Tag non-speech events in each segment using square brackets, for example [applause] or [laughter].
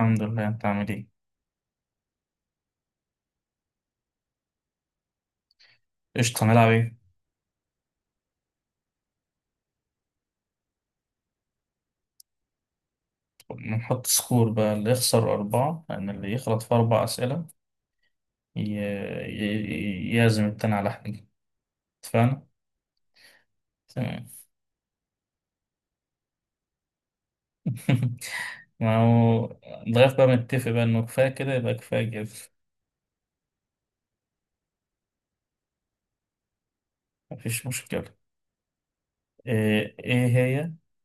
الحمد لله، انت عامل ايه؟ قشطة، هنلعب ايه؟ نحط سكور بقى، اللي يخسر أربعة، لأن اللي يغلط في أربع أسئلة ي... يعزم التاني على حاجة. اتفقنا؟ تمام. [laughs] ما هو لغاية بقى متفق بقى إنه كفاية كده يبقى كفايه كده. مفيش مشكلة. إيه هي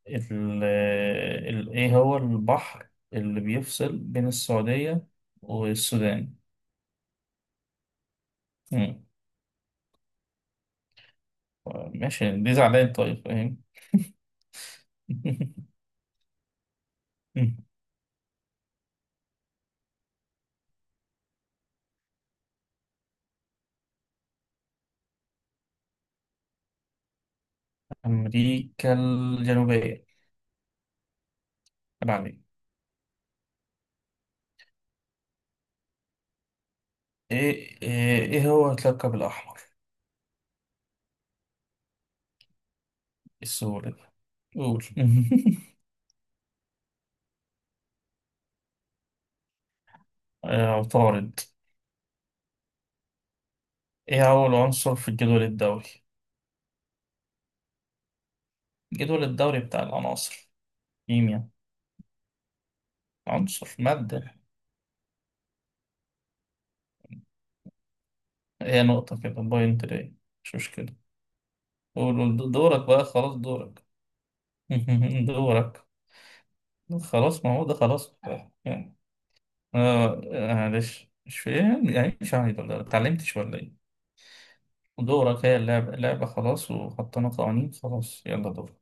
ال... ايه هو البحر اللي بيفصل بين السعودية والسودان؟ مم. ماشي، دي زعلان طيب فاهم. [laughs] أمريكا الجنوبية. تبع مين؟ إيه هو الكوكب الأحمر؟ السهولة دي. قول. [laughs] آه، عطارد. إيه أول عنصر في الجدول الدوري؟ الجدول الدوري بتاع العناصر، كيمياء. عنصر، مادة. هي نقطة كده بوينت ليه. مش مشكلة. قول قول، دورك بقى، خلاص دورك. [laughs] دورك. خلاص، ما هو ده خلاص. يعني، آه. آه، معلش مش فاهم يعني، مش عارف ولا اتعلمتش ولا إيه؟ دورك، هي اللعبة، اللعبة خلاص وحطينا قوانين، خلاص يلا دورك.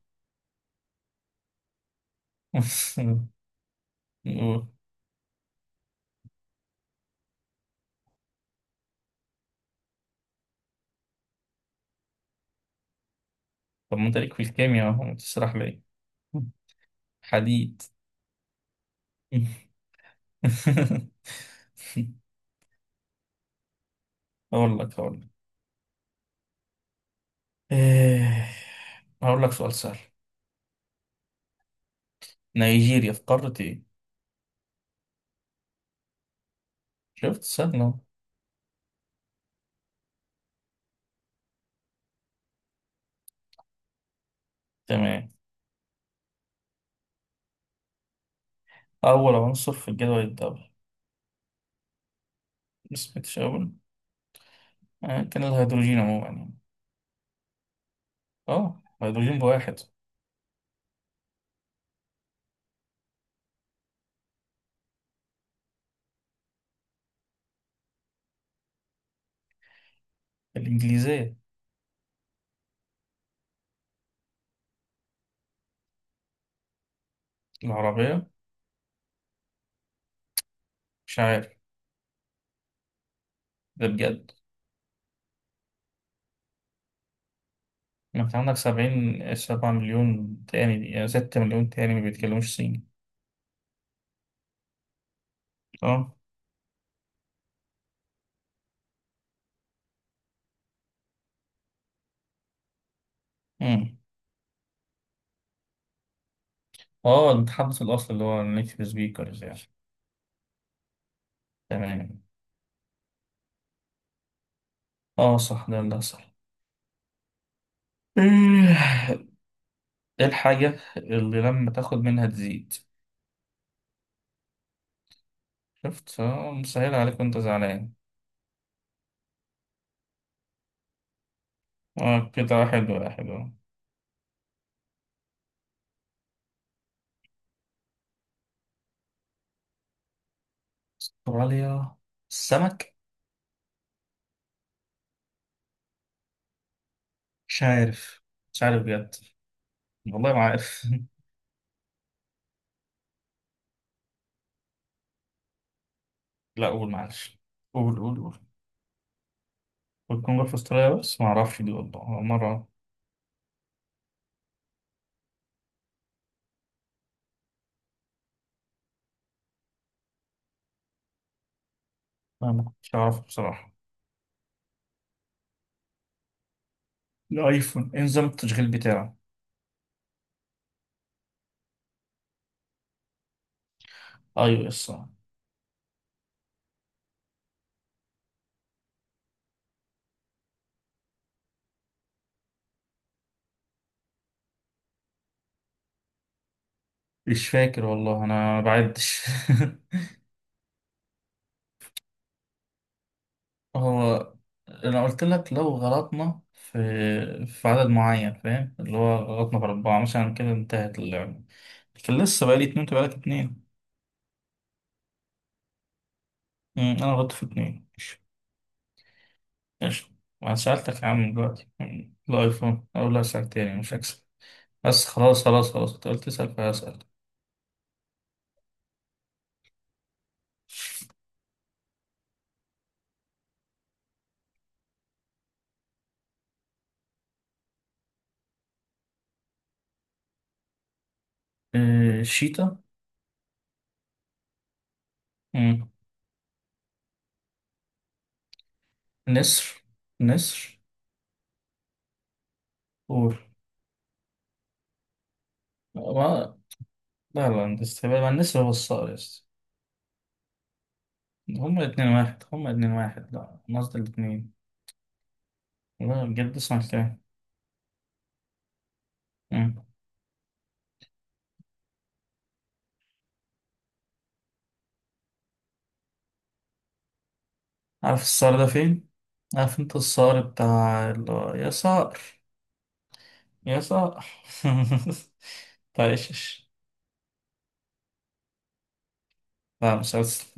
[laughs] و- طب ما انت ليك في الكيمياء اهو، تسرح ليه. حديد. [laughs] اقول لك إيه، هقول لك سؤال سهل. نيجيريا في قارة ايه؟ شفت سهل أهو. تمام. أول عنصر في الجدول الدوري. ما سمعتش أول. آه، كان الهيدروجين عموما يعني. اه، هيدروجين بواحد. الإنجليزية. العربية. مش عارف. ده بجد؟ ما انت عندك سبعين سبعة مليون تاني يعني، ستة مليون تاني ما بيتكلموش صيني. اه. امم. اه. المتحدث الأصلي اللي هو النيتيف سبيكرز يعني. تمام. اه صح، ده اللي صح. ايه الحاجة اللي لما تاخد منها تزيد؟ شفت، مسهل عليك وانت زعلان. اه كده حلو يا حلو. استراليا. السمك. مش عارف، مش عارف بجد. والله ما عارف. [laughs] لا قول معلش. قول قول قول. والجمهورية في استراليا، بس ما اعرفش دي والله مرة. أنا ما كنتش أعرفه بصراحة. الأيفون إيه نظام التشغيل بتاعه؟ أي أو إس آه. مش فاكر والله، أنا بعدش. [laughs] هو، أنا قلت لك لو غلطنا في عدد معين فاهم، اللي هو غلطنا في أربعة مثلا كده انتهت اللعبة. لكن لسه بقالي اتنين، أنت بقالك اتنين. أنا غلطت في اتنين ماشي. ماشي، وأنا سألتك يا عم دلوقتي، الأيفون. أقول لا أسألك تاني مش هكسب. بس خلاص خلاص خلاص، أنت قلت تسأل فهسأل. آه، شيتا. أمم، نسر. نسر. قول. ما لا لا، الاستقبال مع النسر هو الصقر يا اسطى. هما اتنين واحد، هما اتنين واحد، لا أنا قصدي الاتنين. لا بجد اسمع الكلام. مم. عارف الصقر ده فين؟ عارف انت الصقر بتاع اللي هو يا صقر، يا صقر. [laughs] بتاع ايش إيش؟ لا مسلسل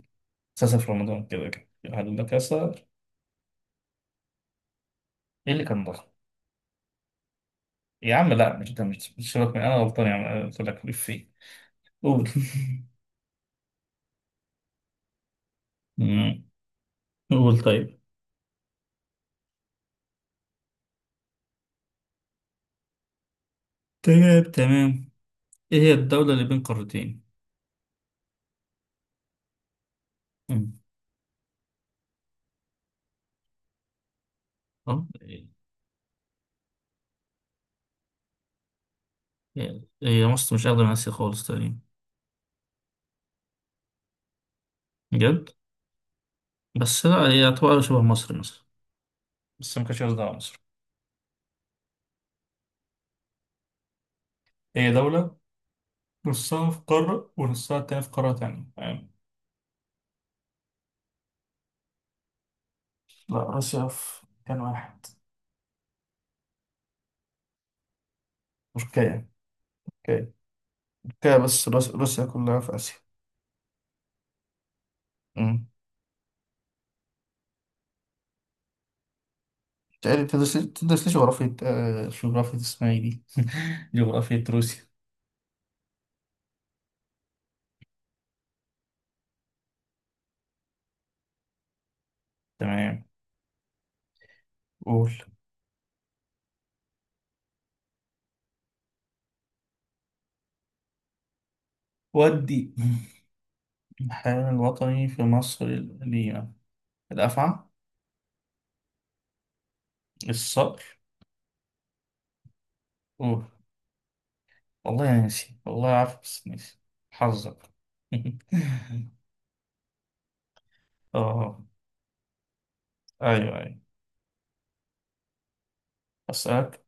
مسلسل في رمضان كده كده، قال لك يا صقر. ايه اللي كان ضخم؟ يا عم لا مش ده، مش سيبك من، انا غلطان يا عم، قلت لك ليه فين. قول. [laughs] مم. قول طيب. تمام تمام. ايه هي الدولة اللي بين قارتين؟ مم. اه هي مصر مش أقدم من آسيا خالص تقريبا. بجد. بس لا هي يعتبر شبه مصر مثلا. بس ما كانش قصدها على مصر. هي دولة نصها في قارة ونصها التاني في قارة تانية فاهم. لا روسيا في مكان واحد. تركيا. تركيا تركيا، بس روسيا كلها في آسيا. امم تقريبا تدرس لي جغرافية، جغرافية اسمها ايه دي؟ [laughs] جغرافية روسيا. تمام. قول. ودي. [laughs] الحيوان الوطني في مصر القديمة. الأفعى. الصقر. أوه. والله يا ناسي، والله عارف بس ناسي. حظك. [laughs] آه، أيوه أيوه. أسألك.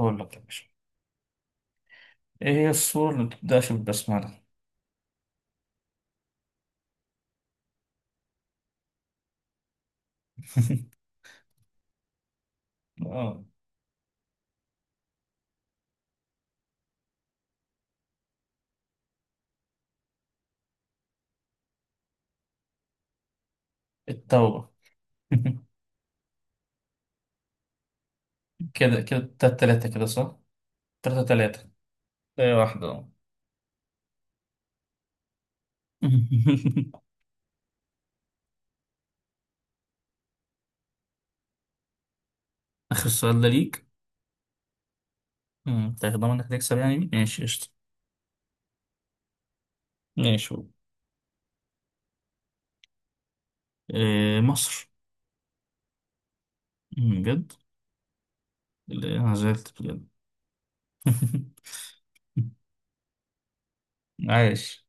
أقول لك يا باشا. إيه هي السورة اللي بتبدأش بالبسملة؟ [laughs] آه. التوبة. [laughs] كده كده تلاتة تلاتة كده صح؟ تلاتة تلاتة. أي واحدة أهو. [laughs] آخر سؤال ده ليك. تاخد ضمانك تكسب يعني، ماشي قشطة. ماشي هو. إيه مصر. بجد. لا، أنا زعلت بجد. [laughs] عايش.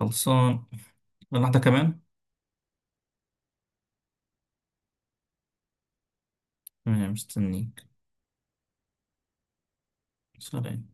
خلصان. ولا واحدة كمان. تمام مستنيك. سلام.